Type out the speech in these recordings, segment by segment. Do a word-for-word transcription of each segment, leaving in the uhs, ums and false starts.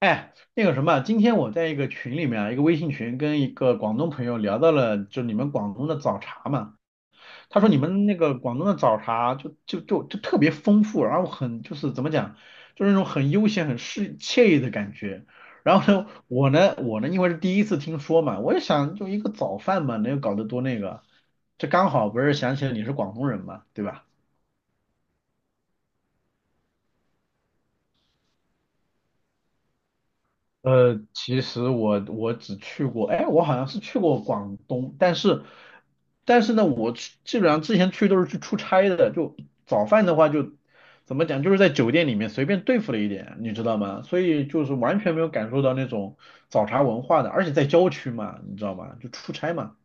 哎，那个什么，今天我在一个群里面啊，一个微信群，跟一个广东朋友聊到了，就你们广东的早茶嘛。他说你们那个广东的早茶就就就就特别丰富，然后很就是怎么讲，就是那种很悠闲、很适惬意的感觉。然后呢，我呢，我呢，因为是第一次听说嘛，我也想就一个早饭嘛，能有搞得多那个，这刚好不是想起来你是广东人嘛，对吧？呃，其实我我只去过，哎，我好像是去过广东，但是但是呢，我去基本上之前去都是去出差的，就早饭的话就怎么讲，就是在酒店里面随便对付了一点，你知道吗？所以就是完全没有感受到那种早茶文化的，而且在郊区嘛，你知道吗？就出差嘛，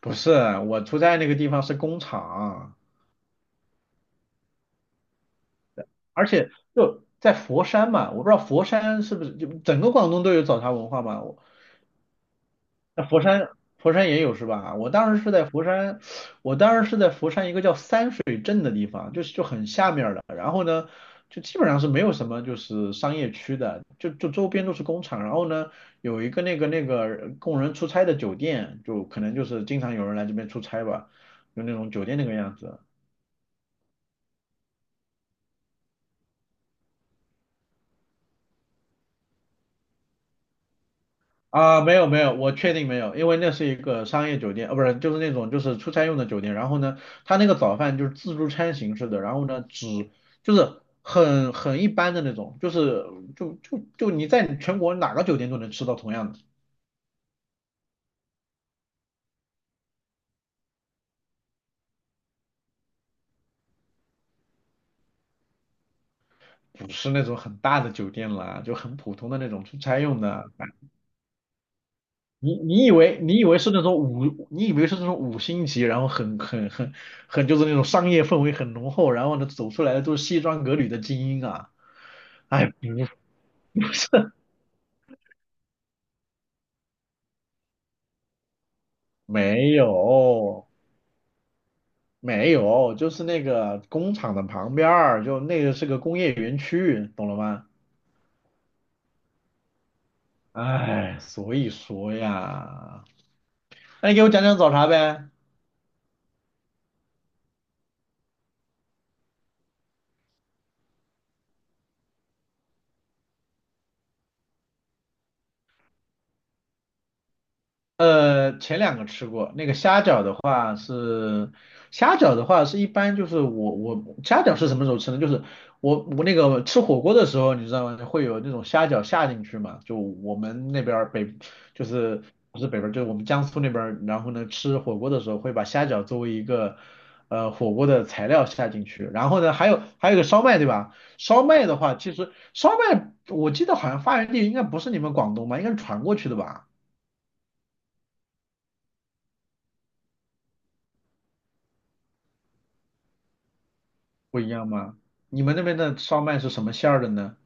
不是，我出差那个地方是工厂，而且就在佛山嘛，我不知道佛山是不是就整个广东都有早茶文化嘛？那佛山佛山也有是吧？我当时是在佛山，我当时是在佛山一个叫三水镇的地方，就是就很下面儿的。然后呢，就基本上是没有什么就是商业区的，就就周边都是工厂。然后呢，有一个那个那个供人出差的酒店，就可能就是经常有人来这边出差吧，就那种酒店那个样子。啊，没有没有，我确定没有，因为那是一个商业酒店，呃，不是，就是那种就是出差用的酒店。然后呢，他那个早饭就是自助餐形式的，然后呢，只就是很很一般的那种，就是就就就你在全国哪个酒店都能吃到同样的，不是那种很大的酒店啦，就很普通的那种出差用的。啊你你以为你以为是那种五，你以为是那种五星级，然后很很很很就是那种商业氛围很浓厚，然后呢，走出来的都是西装革履的精英啊，哎，不没有，没有，就是那个工厂的旁边儿，就那个是个工业园区，懂了吗？哎，所以说呀，那你给我讲讲早茶呗。虾饺的话是虾饺的话是一般就是我我虾饺是什么时候吃呢？就是我我那个吃火锅的时候，你知道吗？会有那种虾饺下进去嘛？就我们那边儿北就是不是北边儿就是我们江苏那边儿然后呢吃火锅的时候会把虾饺作为一个呃火锅的材料下进去，然后呢还有还有一个烧麦对吧？烧麦的话，其实烧麦我记得好像发源地应该不是你们广东吧，应该是传过去的吧？不一样吗？你们那边的烧麦是什么馅儿的呢？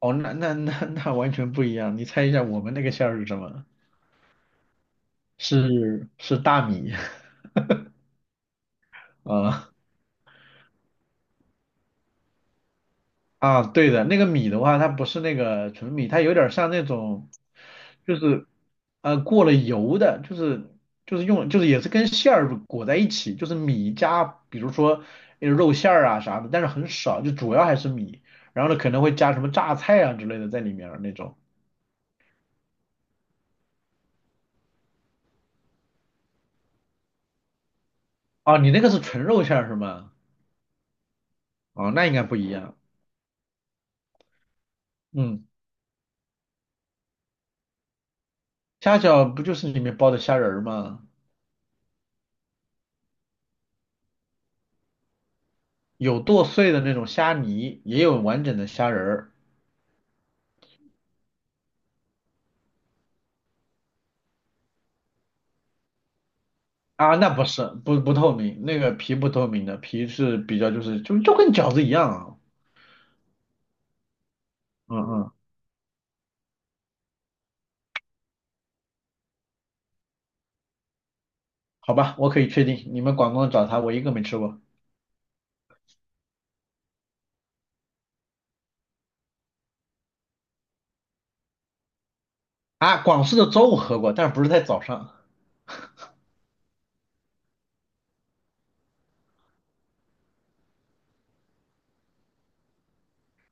哦，那那那那完全不一样。你猜一下我们那个馅儿是什么？是是大米 啊啊，对的，那个米的话，它不是那个纯米，它有点像那种，就是呃过了油的，就是就是用就是也是跟馅儿裹在一起，就是米加比如说呃肉馅儿啊啥的，但是很少，就主要还是米。然后呢，可能会加什么榨菜啊之类的在里面儿那种。哦，你那个是纯肉馅儿是吗？哦，那应该不一样。嗯，虾饺不就是里面包的虾仁儿吗？有剁碎的那种虾泥，也有完整的虾仁儿啊。那不是，不不透明，那个皮不透明的，皮是比较就是就就跟饺子一样啊。嗯嗯，好吧，我可以确定，你们广东的早茶我一个没吃过啊。广式的粥我喝过，但是不是在早上。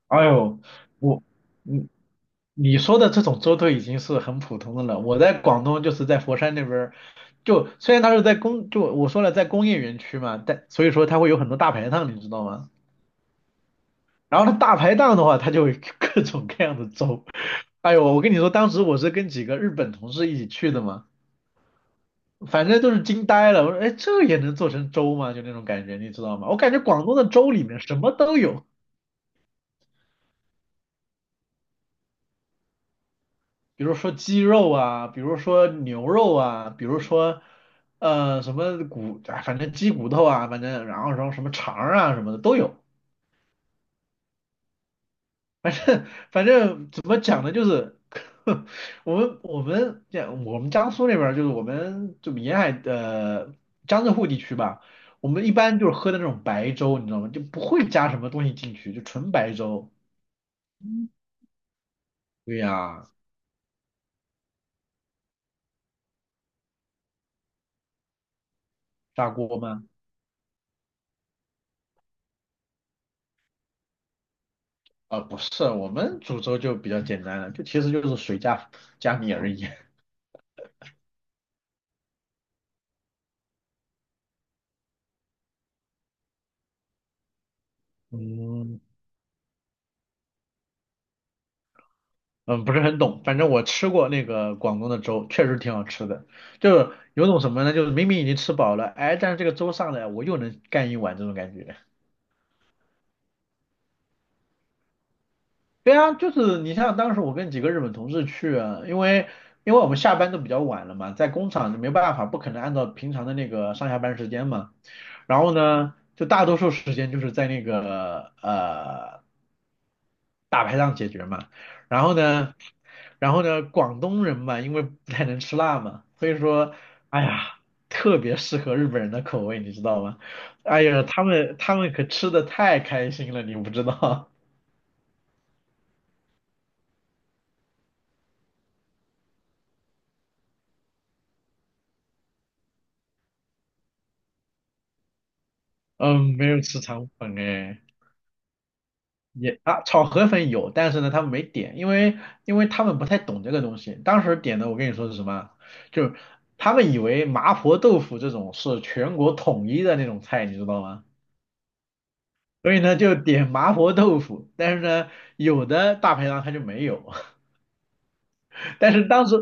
哎呦，我。嗯。你说的这种粥都已经是很普通的了。我在广东就是在佛山那边儿就虽然它是在工，就我说了在工业园区嘛，但所以说它会有很多大排档，你知道吗？然后它大排档的话，它就会 各种各样的粥。哎呦，我跟你说，当时我是跟几个日本同事一起去的嘛，反正都是惊呆了。我说，哎，这也能做成粥吗？就那种感觉，你知道吗？我感觉广东的粥里面什么都有。比如说鸡肉啊，比如说牛肉啊，比如说呃什么骨，啊反正鸡骨头啊，反正然后然后什么肠儿啊什么的都有，反正反正怎么讲呢，就是 我们我们这我们江苏那边儿就是我们就沿海的江浙沪地区吧，我们一般就是喝的那种白粥，你知道吗？就不会加什么东西进去，就纯白粥。对呀，砂锅吗？啊，不是，我们煮粥就比较简单了，就其实就是水加加米而已。嗯，嗯，不是很懂，反正我吃过那个广东的粥，确实挺好吃的。就是有种什么呢？就是明明已经吃饱了，哎，但是这个粥上来，我又能干一碗这种感觉。对啊，就是你像当时我跟几个日本同事去啊，因为因为我们下班都比较晚了嘛，在工厂就没办法，不可能按照平常的那个上下班时间嘛。然后呢，就大多数时间就是在那个呃大排档解决嘛。然后呢，然后呢，广东人嘛，因为不太能吃辣嘛，所以说，哎呀，特别适合日本人的口味，你知道吗？哎呀，他们他们可吃的太开心了，你不知道。嗯，没有吃肠粉哎，也啊，炒河粉有，但是呢，他们没点，因为因为他们不太懂这个东西。当时点的，我跟你说是什么？就是他们以为麻婆豆腐这种是全国统一的那种菜，你知道吗？所以呢，就点麻婆豆腐，但是呢，有的大排档它就没有。但是当时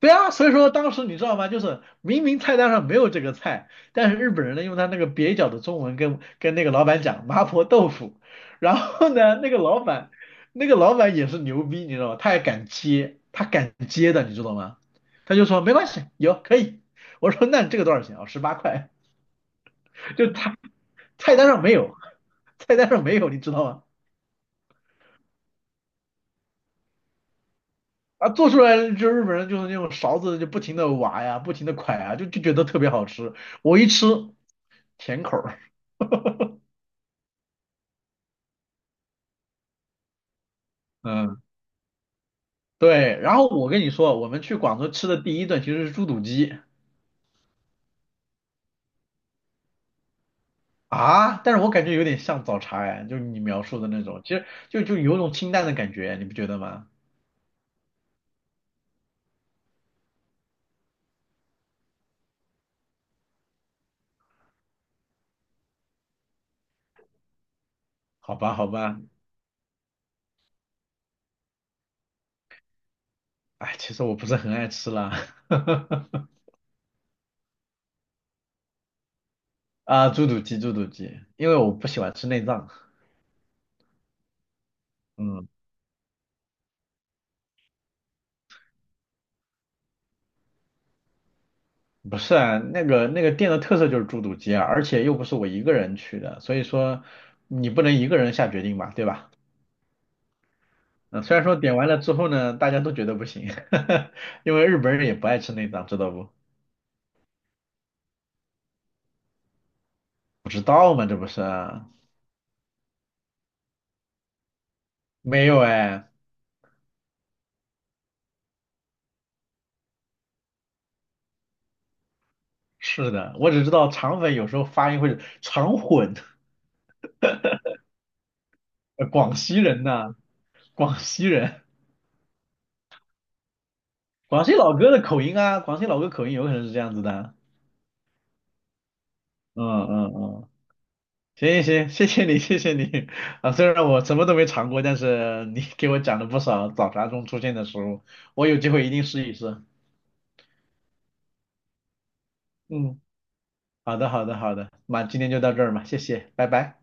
对啊，所以说当时你知道吗？就是明明菜单上没有这个菜，但是日本人呢用他那个蹩脚的中文跟跟那个老板讲麻婆豆腐，然后呢那个老板那个老板也是牛逼，你知道吗？他还敢接，他敢接的，你知道吗？他就说没关系，有可以。我说那这个多少钱啊？十八块，就他菜单上没有，菜单上没有，你知道吗？啊，做出来就日本人就是那种勺子就不停的挖呀，不停的㧟啊，就就觉得特别好吃。我一吃甜口儿嗯。对，然后我跟你说，我们去广州吃的第一顿其实是猪肚鸡啊，但是我感觉有点像早茶哎，就是你描述的那种，其实就就有种清淡的感觉，你不觉得吗？好吧，好吧，哎，其实我不是很爱吃啦，啊，猪肚鸡，猪肚鸡，因为我不喜欢吃内脏，嗯，不是啊，那个那个店的特色就是猪肚鸡啊，而且又不是我一个人去的，所以说你不能一个人下决定吧，对吧？嗯，虽然说点完了之后呢，大家都觉得不行，因为日本人也不爱吃内脏，知道不？不知道吗？这不是啊没有哎，是的，我只知道肠粉有时候发音会肠混，呃广西人呐、广西人，广西老哥的口音啊，广西老哥口音有可能是这样子的。嗯嗯嗯，行行行，谢谢你，谢谢你啊！虽然我什么都没尝过，但是你给我讲了不少早茶中出现的食物，我有机会一定试一试。嗯。好的，好的，好的，那今天就到这儿嘛，谢谢，拜拜。